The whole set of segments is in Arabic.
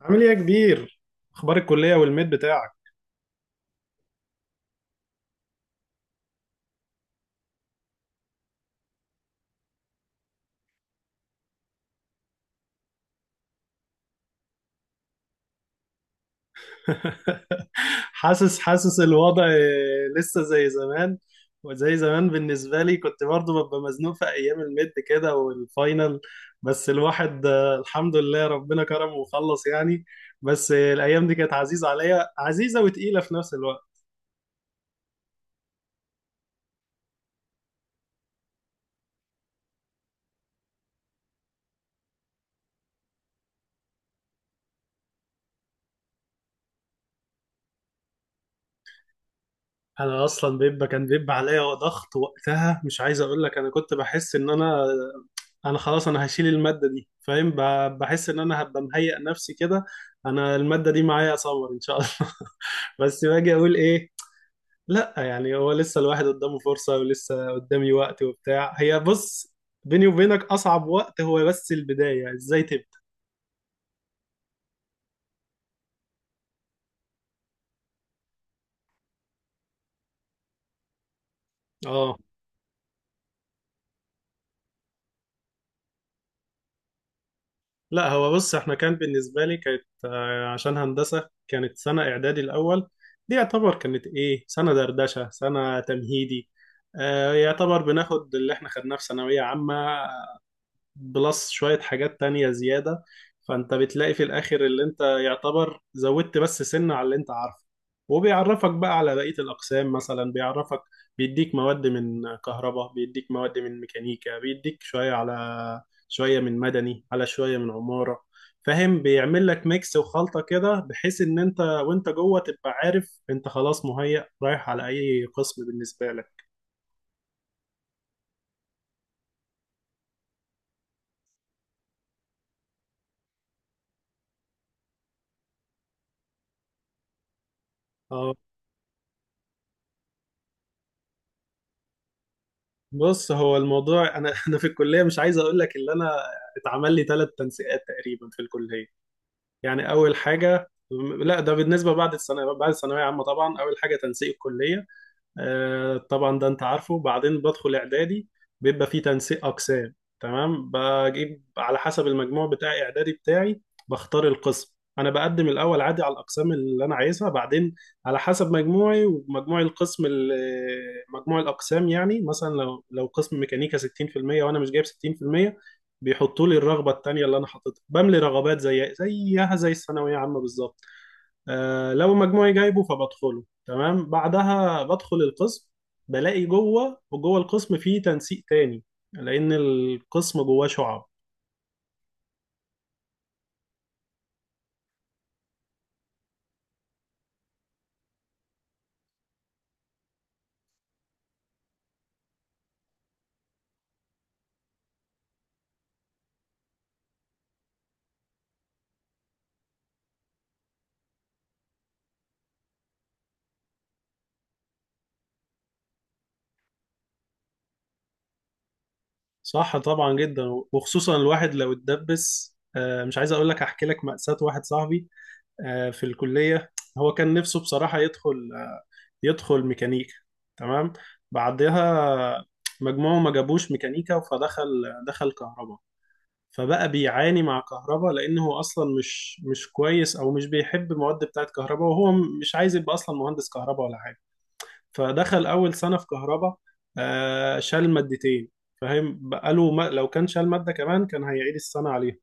عامل ايه يا كبير؟ اخبار الكليه والميد بتاعك؟ حاسس الوضع. لسه زي زمان، وزي زمان بالنسبه لي كنت برضو ببقى مزنوق في ايام الميد كده والفاينل. بس الواحد الحمد لله ربنا كرمه وخلص يعني. بس الايام دي كانت عزيزه عليا، عزيزه وتقيله في نفس الوقت. انا اصلا كان بيبقى عليا ضغط وقتها. مش عايز اقول لك انا كنت بحس ان انا خلاص انا هشيل الماده دي، فاهم، بحس ان انا هبقى مهيئ نفسي كده. انا الماده دي معايا سمر ان شاء الله. بس باجي اقول ايه؟ لا يعني هو لسه الواحد قدامه فرصه، ولسه قدامي وقت وبتاع. هي بص، بيني وبينك اصعب وقت هو بس البدايه، ازاي تبدا. اه. لا هو بص، احنا بالنسبة لي كانت عشان هندسة كانت سنة إعدادي الأول. دي يعتبر كانت إيه، سنة دردشة، سنة تمهيدي. يعتبر بناخد اللي احنا خدناه في ثانوية عامة بلس شوية حاجات تانية زيادة. فأنت بتلاقي في الآخر اللي أنت يعتبر زودت بس سنة على اللي أنت عارفه. وبيعرفك بقى على بقية الأقسام، مثلا بيعرفك، بيديك مواد من كهرباء، بيديك مواد من ميكانيكا، بيديك شوية من مدني، على شوية من عمارة. فاهم؟ بيعمل لك ميكس وخلطة كده، بحيث إن أنت وأنت جوه تبقى عارف أنت خلاص مهيأ رايح على أي قسم بالنسبة لك. آه. بص، هو الموضوع، انا انا في الكليه مش عايز اقول لك اللي انا اتعمل لي ثلاث تنسيقات تقريبا في الكليه. يعني اول حاجه، لا ده بالنسبه بعد الثانويه عامه طبعا اول حاجه تنسيق الكليه. طبعا ده انت عارفه. بعدين بدخل اعدادي، بيبقى فيه تنسيق اقسام. تمام، بجيب على حسب المجموع بتاع اعدادي بتاعي، بختار القسم. انا بقدم الاول عادي على الاقسام اللي انا عايزها، بعدين على حسب مجموعي ومجموع القسم مجموع الاقسام. يعني مثلا لو قسم ميكانيكا 60% وانا مش جايب 60%، بيحطوا لي الرغبه التانيه اللي انا حاططها. بملي رغبات زي زيها زي الثانويه عامه بالظبط. لو مجموعي جايبه فبدخله. تمام. بعدها بدخل القسم، بلاقي وجوه القسم فيه تنسيق تاني، لأن القسم جواه شعب. صح، طبعا جدا. وخصوصا الواحد لو اتدبس. مش عايز اقول لك، احكي لك مأساة واحد صاحبي في الكلية. هو كان نفسه بصراحة يدخل يدخل ميكانيكا، تمام. بعدها مجموعه ما جابوش ميكانيكا، فدخل كهرباء. فبقى بيعاني مع كهربا، لان هو اصلا مش كويس، او مش بيحب المواد بتاعت كهربا، وهو مش عايز يبقى اصلا مهندس كهربا ولا حاجه. فدخل اول سنه في كهربا، شال مادتين، فاهم؟ بقاله ما، لو كان شال ماده كمان كان هيعيد السنه عليها.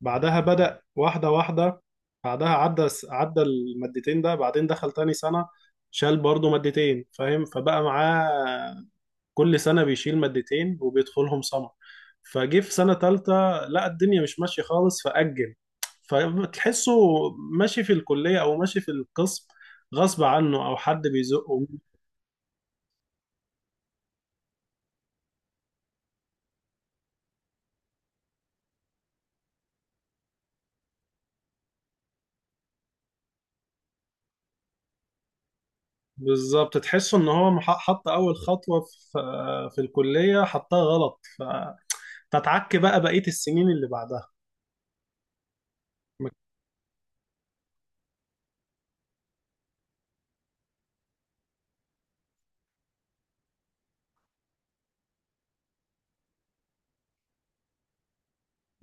بعدها بدأ واحده واحده، بعدها عدى عدى المادتين ده. بعدين دخل تاني سنه، شال برضه مادتين، فاهم؟ فبقى معاه كل سنة بيشيل مادتين وبيدخلهم سمر. فجه في سنة تالتة، لا الدنيا مش ماشية خالص، فأجل. فتحسه ماشي في الكلية، أو ماشي في القسم غصب عنه، أو حد بيزقه. بالظبط، تحسه إن هو حط أول خطوة في في الكلية حطها غلط، فتتعك بقى بقية السنين اللي بعدها.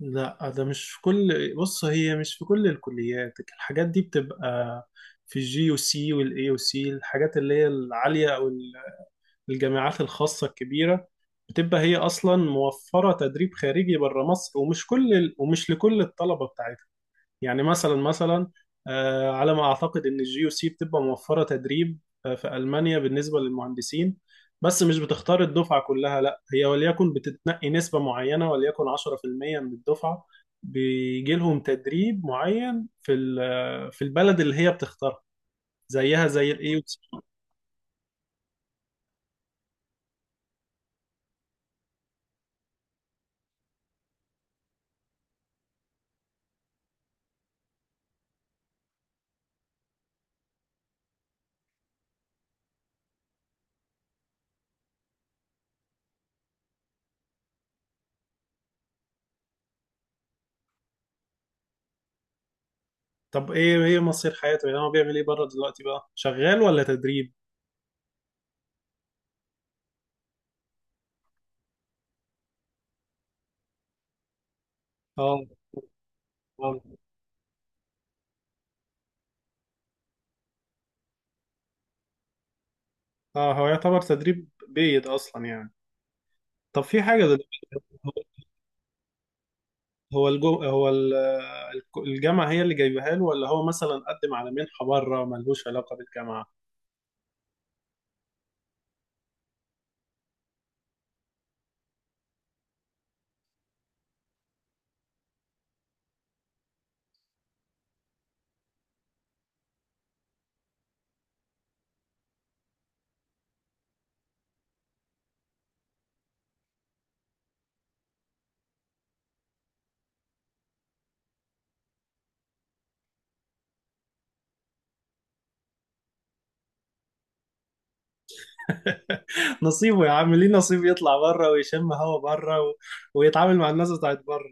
لا ده مش في كل بص، هي مش في كل الكليات الحاجات دي. بتبقى في الجي يو سي والاي يو سي الحاجات اللي هي العالية، أو الجامعات الخاصة الكبيرة. بتبقى هي أصلا موفرة تدريب خارجي بره مصر، ومش لكل الطلبة بتاعتها. يعني مثلا، مثلا على ما أعتقد إن الجي يو سي بتبقى موفرة تدريب في ألمانيا بالنسبة للمهندسين. بس مش بتختار الدفعة كلها، لا هي وليكن بتتنقي نسبة معينة، وليكن 10% من الدفعة. بيجي لهم تدريب معين في في البلد اللي هي بتختارها، زيها زي الاي. طب ايه، مصير حياته؟ يعني هو بيعمل ايه بره دلوقتي؟ بقى شغال ولا تدريب؟ اه. آه. اه، هو يعتبر تدريب بيد اصلا يعني. طب في حاجه دلوقتي، هو هو الجو، الجامعه هي اللي جايبها له، ولا هو مثلا قدم على منحه بره ملهوش علاقه بالجامعه؟ نصيبه يا عم، ليه؟ نصيب يطلع بره ويشم هوا بره ويتعامل مع الناس بتاعت بره.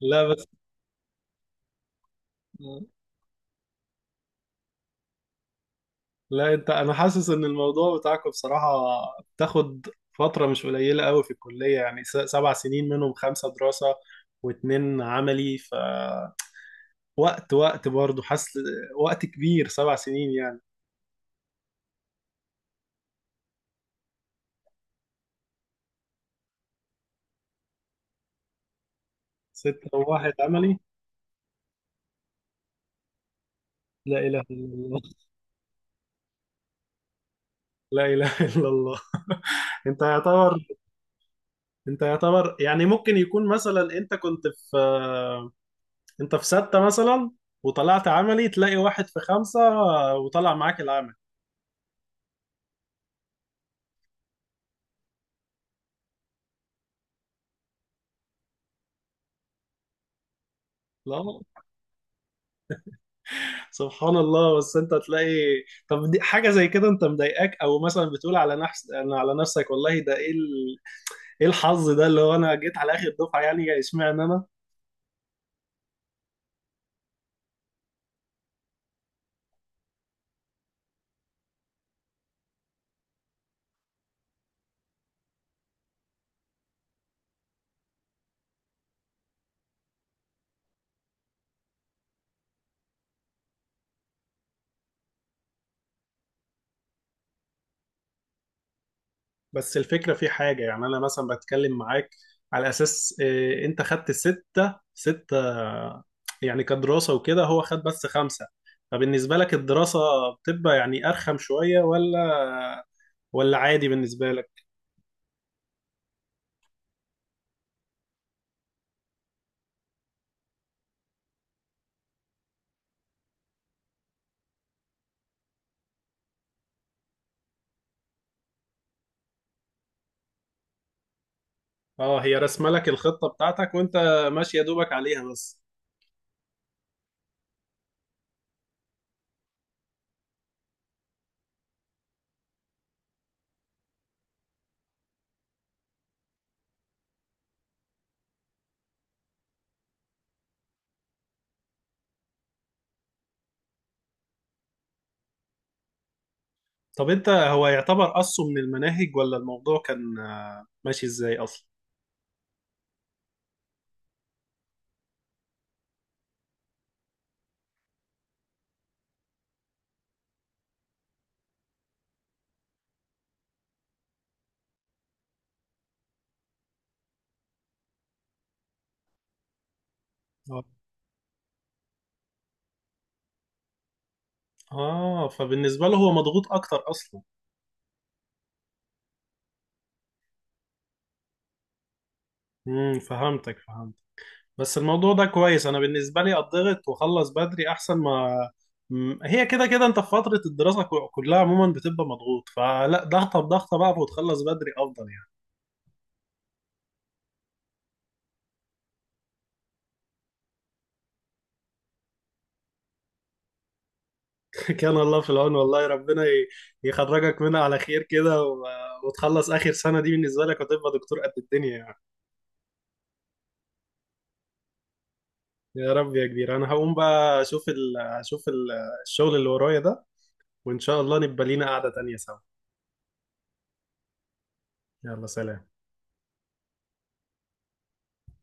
لا بس لا انت انا حاسس ان الموضوع بتاعكم بصراحة بتاخد فترة مش قليلة قوي في الكلية. يعني 7 سنين، منهم 5 دراسة و2 عملي. وقت، برضه حاسس وقت كبير، 7 سنين يعني. 6 وواحد عملي. لا إله إلا الله. لا إله إلا الله. انت يعتبر، يعني ممكن يكون مثلا في انت في ستة مثلا، وطلعت عملي، تلاقي واحد في 5 وطلع معاك العمل. لا. سبحان الله. بس انت تلاقي، طب دي حاجه زي كده انت مضايقاك؟ او مثلا بتقول على نفسك، والله ده ايه ايه الحظ ده اللي هو انا جيت على اخر دفعه؟ يعني اشمعنى انا؟ بس الفكره في حاجه، يعني انا مثلا بتكلم معاك على اساس انت خدت ستة، يعني كدراسه وكده، هو خد بس 5. فبالنسبه لك الدراسه بتبقى يعني ارخم شويه، ولا عادي بالنسبه لك؟ اه، هي رسمه لك الخطه بتاعتك وانت ماشي يا دوبك عليها بس. طب انت هو يعتبر قصه من المناهج، ولا الموضوع كان ماشي ازاي اصلا؟ اه، فبالنسبه له هو مضغوط اكتر اصلا. فهمت. بس الموضوع ده كويس، انا بالنسبه لي اضغط واخلص بدري احسن ما هي كده كده انت في فتره الدراسه كلها عموما بتبقى مضغوط، فلا ضغطه بضغطه بقى وتخلص بدري افضل يعني. كان الله في العون. والله ربنا يخرجك منها على خير كده وتخلص اخر سنه دي بالنسبه لك وتبقى دكتور قد الدنيا يعني. يا رب يا كبير. انا هقوم بقى، اشوف الشغل اللي ورايا ده، وان شاء الله نبقى لينا قعدة تانية سوا. يلا سلام.